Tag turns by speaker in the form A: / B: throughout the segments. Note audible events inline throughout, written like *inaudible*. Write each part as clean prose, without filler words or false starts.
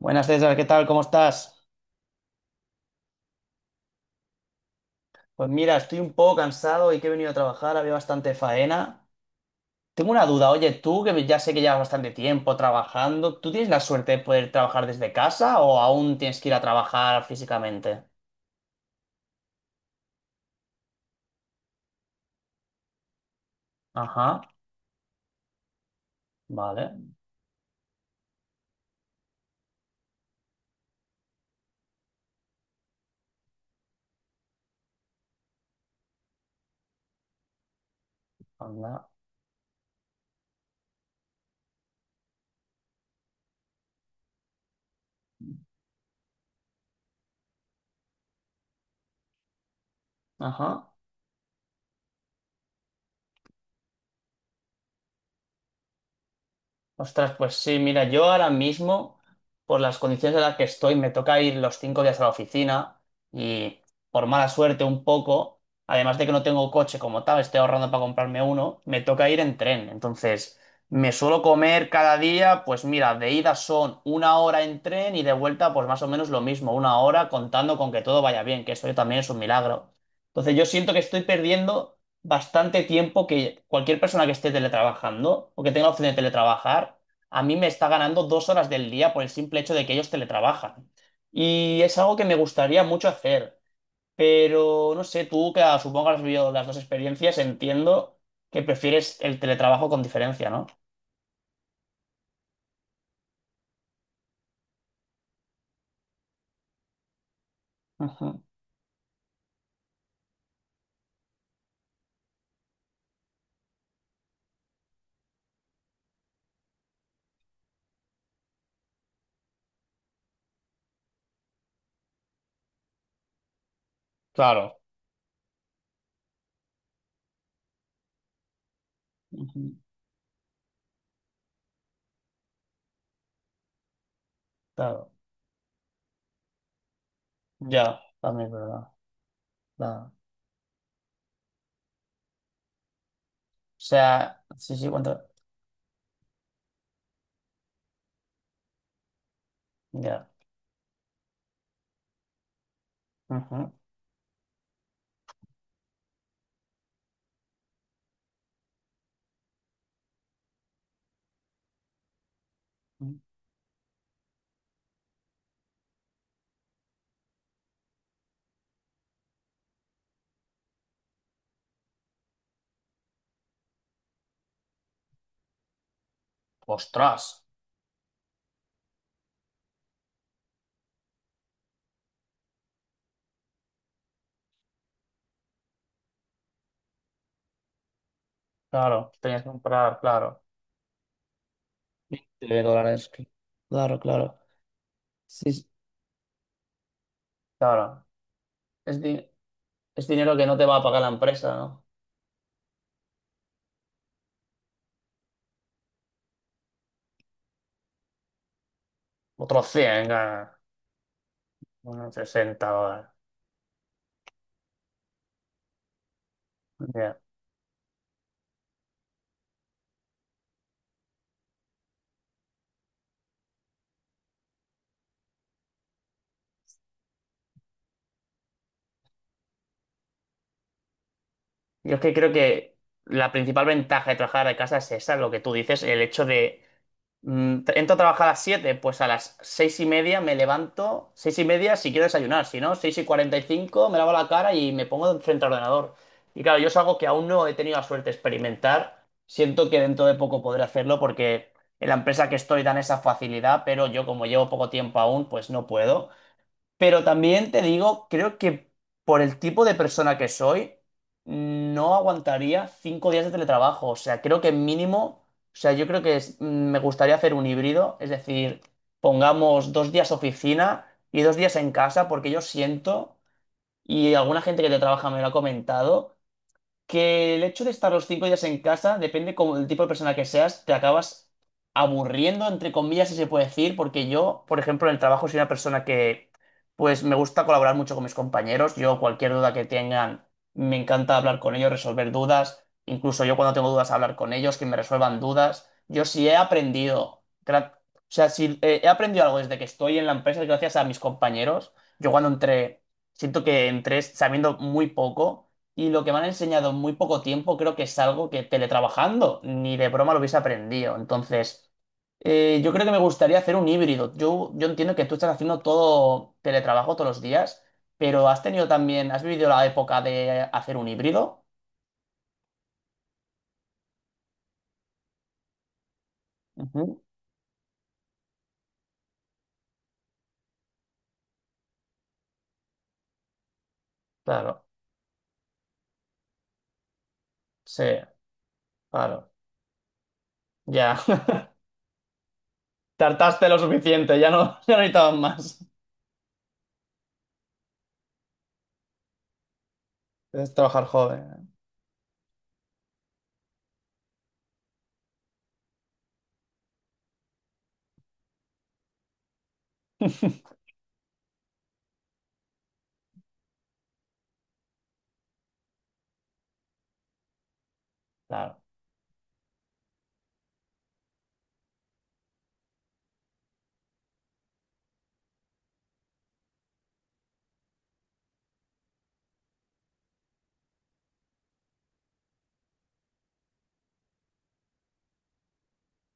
A: Buenas César, ¿qué tal? ¿Cómo estás? Pues mira, estoy un poco cansado y que he venido a trabajar, había bastante faena. Tengo una duda, oye, tú que ya sé que llevas bastante tiempo trabajando, ¿tú tienes la suerte de poder trabajar desde casa o aún tienes que ir a trabajar físicamente? Ajá, vale, anda, ajá. Ostras, pues sí, mira, yo ahora mismo, por las condiciones en las que estoy, me toca ir los 5 días a la oficina. Y por mala suerte un poco, además de que no tengo coche como tal, estoy ahorrando para comprarme uno, me toca ir en tren. Entonces, me suelo comer cada día, pues mira, de ida son 1 hora en tren y de vuelta, pues más o menos lo mismo, 1 hora contando con que todo vaya bien, que eso también es un milagro. Entonces, yo siento que estoy perdiendo bastante tiempo, que cualquier persona que esté teletrabajando o que tenga la opción de teletrabajar, a mí me está ganando 2 horas del día por el simple hecho de que ellos teletrabajan. Y es algo que me gustaría mucho hacer, pero no sé, tú que supongo que has vivido las dos experiencias, entiendo que prefieres el teletrabajo con diferencia, ¿no? Ujú. Claro. Ujú. Claro, ya, también es verdad. Claro. O sea, sí, sí, cuánto, ya. Ujú. Ostras, claro, tenías que comprar, claro. De dólares. Claro, claro. Sí, sí, claro. Es, di- es dinero que no te va a pagar la empresa, ¿no? Otros 100, unos $60. Yo es que creo que la principal ventaja de trabajar de casa es esa, lo que tú dices, el hecho de entro a trabajar a las siete, pues a las seis y media me levanto, seis y media si quiero desayunar, si no, seis y 45 me lavo la cara y me pongo frente al ordenador. Y claro, yo es algo que aún no he tenido la suerte de experimentar. Siento que dentro de poco podré hacerlo porque en la empresa que estoy dan esa facilidad, pero yo como llevo poco tiempo aún, pues no puedo. Pero también te digo, creo que por el tipo de persona que soy, no aguantaría 5 días de teletrabajo. O sea, creo que mínimo, o sea, yo creo que me gustaría hacer un híbrido, es decir, pongamos 2 días oficina y 2 días en casa, porque yo siento, y alguna gente que te trabaja me lo ha comentado, que el hecho de estar los 5 días en casa, depende como el tipo de persona que seas, te acabas aburriendo, entre comillas, si se puede decir, porque yo, por ejemplo, en el trabajo soy una persona que, pues, me gusta colaborar mucho con mis compañeros. Yo, cualquier duda que tengan, me encanta hablar con ellos, resolver dudas. Incluso yo cuando tengo dudas, hablar con ellos, que me resuelvan dudas. Yo sí he aprendido, o sea, si he aprendido algo desde que estoy en la empresa, es gracias a mis compañeros. Yo cuando entré, siento que entré sabiendo muy poco. Y lo que me han enseñado en muy poco tiempo creo que es algo que teletrabajando ni de broma lo hubiese aprendido. Entonces, yo creo que me gustaría hacer un híbrido. Yo entiendo que tú estás haciendo todo teletrabajo todos los días, pero has tenido también, has vivido la época de hacer un híbrido. Ujú. Claro, sí, claro, ya. *laughs* Tartaste lo suficiente, ya no, *laughs* ya no necesitabas más. Es trabajar joven. *laughs* Claro.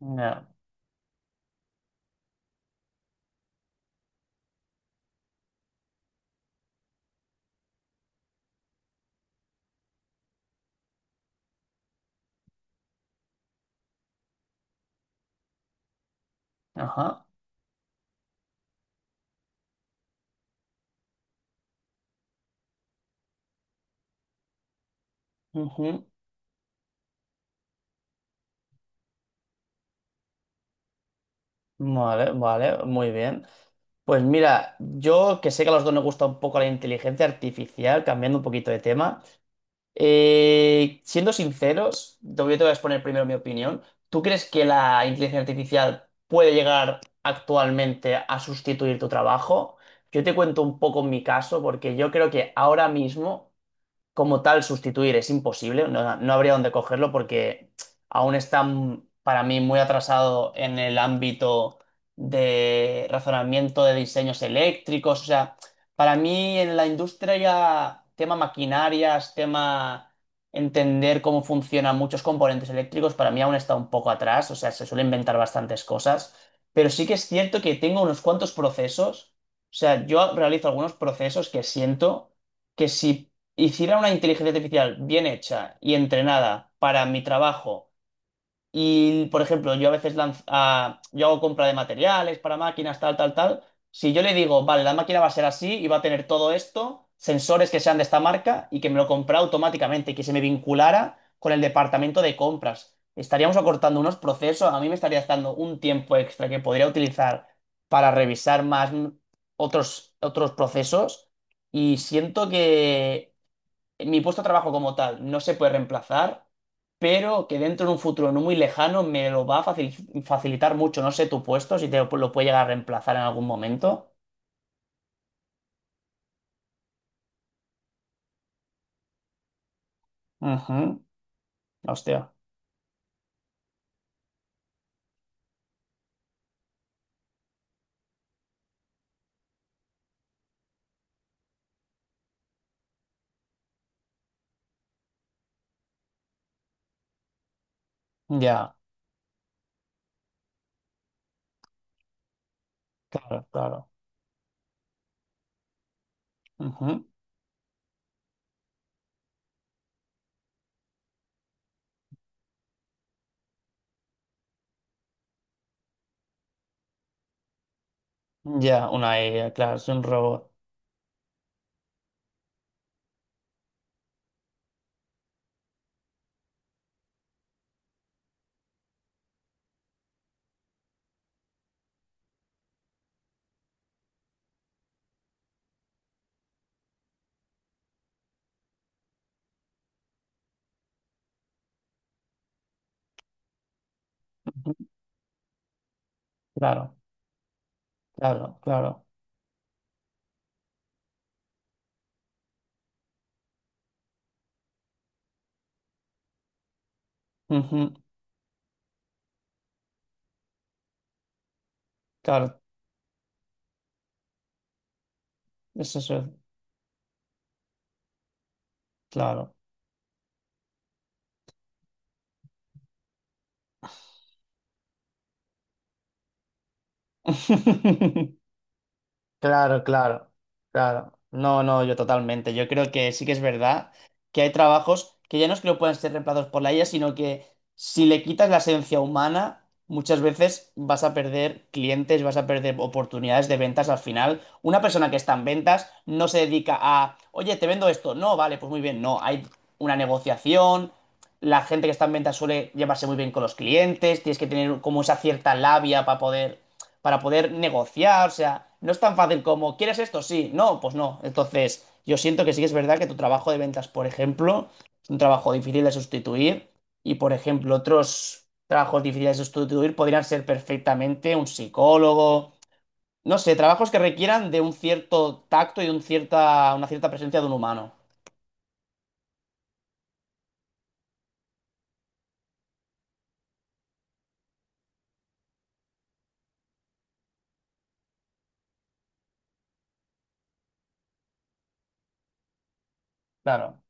A: Ya. Ajá. Ujú. Vale, vale, muy bien. Pues mira, yo que sé que a los dos nos gusta un poco la inteligencia artificial, cambiando un poquito de tema, siendo sinceros, te voy yo te voy a exponer primero mi opinión. ¿Tú crees que la inteligencia artificial puede llegar actualmente a sustituir tu trabajo? Yo te cuento un poco mi caso, porque yo creo que ahora mismo, como tal, sustituir es imposible, no, no habría dónde cogerlo porque aún está para mí muy atrasado en el ámbito de razonamiento de diseños eléctricos, o sea, para mí en la industria tema maquinarias, tema entender cómo funcionan muchos componentes eléctricos, para mí aún está un poco atrás, o sea, se suele inventar bastantes cosas, pero sí que es cierto que tengo unos cuantos procesos, o sea, yo realizo algunos procesos que siento que si hiciera una inteligencia artificial bien hecha y entrenada para mi trabajo y, por ejemplo, yo a veces lanz- ah, yo hago compra de materiales para máquinas, tal, tal, tal, si yo le digo, vale, la máquina va a ser así y va a tener todo esto, sensores que sean de esta marca y que me lo compra automáticamente, que se me vinculara con el departamento de compras. Estaríamos acortando unos procesos, a mí me estaría dando un tiempo extra que podría utilizar para revisar más otros, otros procesos y siento que mi puesto de trabajo como tal no se puede reemplazar, pero que dentro de un futuro no muy lejano me lo va a facilitar mucho. No sé tu puesto, si te lo puede llegar a reemplazar en algún momento. Ujú. Hostia. Ya, claro, claro. Ujú. Ya, una IA, claro, es un robot. Ujú. Claro, claro, claro. Ujú. Claro, eso es, claro. *laughs* Claro, claro, claro. No, no, yo totalmente. Yo creo que sí que es verdad que hay trabajos que ya no es que no puedan ser reemplazados por la IA, sino que si le quitas la esencia humana, muchas veces vas a perder clientes, vas a perder oportunidades de ventas al final. Una persona que está en ventas no se dedica a, oye, te vendo esto. No, vale, pues muy bien. No, hay una negociación. La gente que está en ventas suele llevarse muy bien con los clientes. Tienes que tener como esa cierta labia para poder negociar, o sea, no es tan fácil como, ¿quieres esto? Sí, no, pues no. Entonces, yo siento que sí que es verdad que tu trabajo de ventas, por ejemplo, es un trabajo difícil de sustituir y, por ejemplo, otros trabajos difíciles de sustituir podrían ser perfectamente un psicólogo, no sé, trabajos que requieran de un cierto tacto y una cierta presencia de un humano. Claro,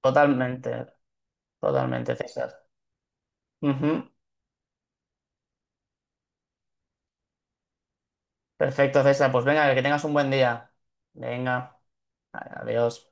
A: totalmente, totalmente, César. Ujú. Perfecto, César. Pues venga, que tengas un buen día. Venga, adiós.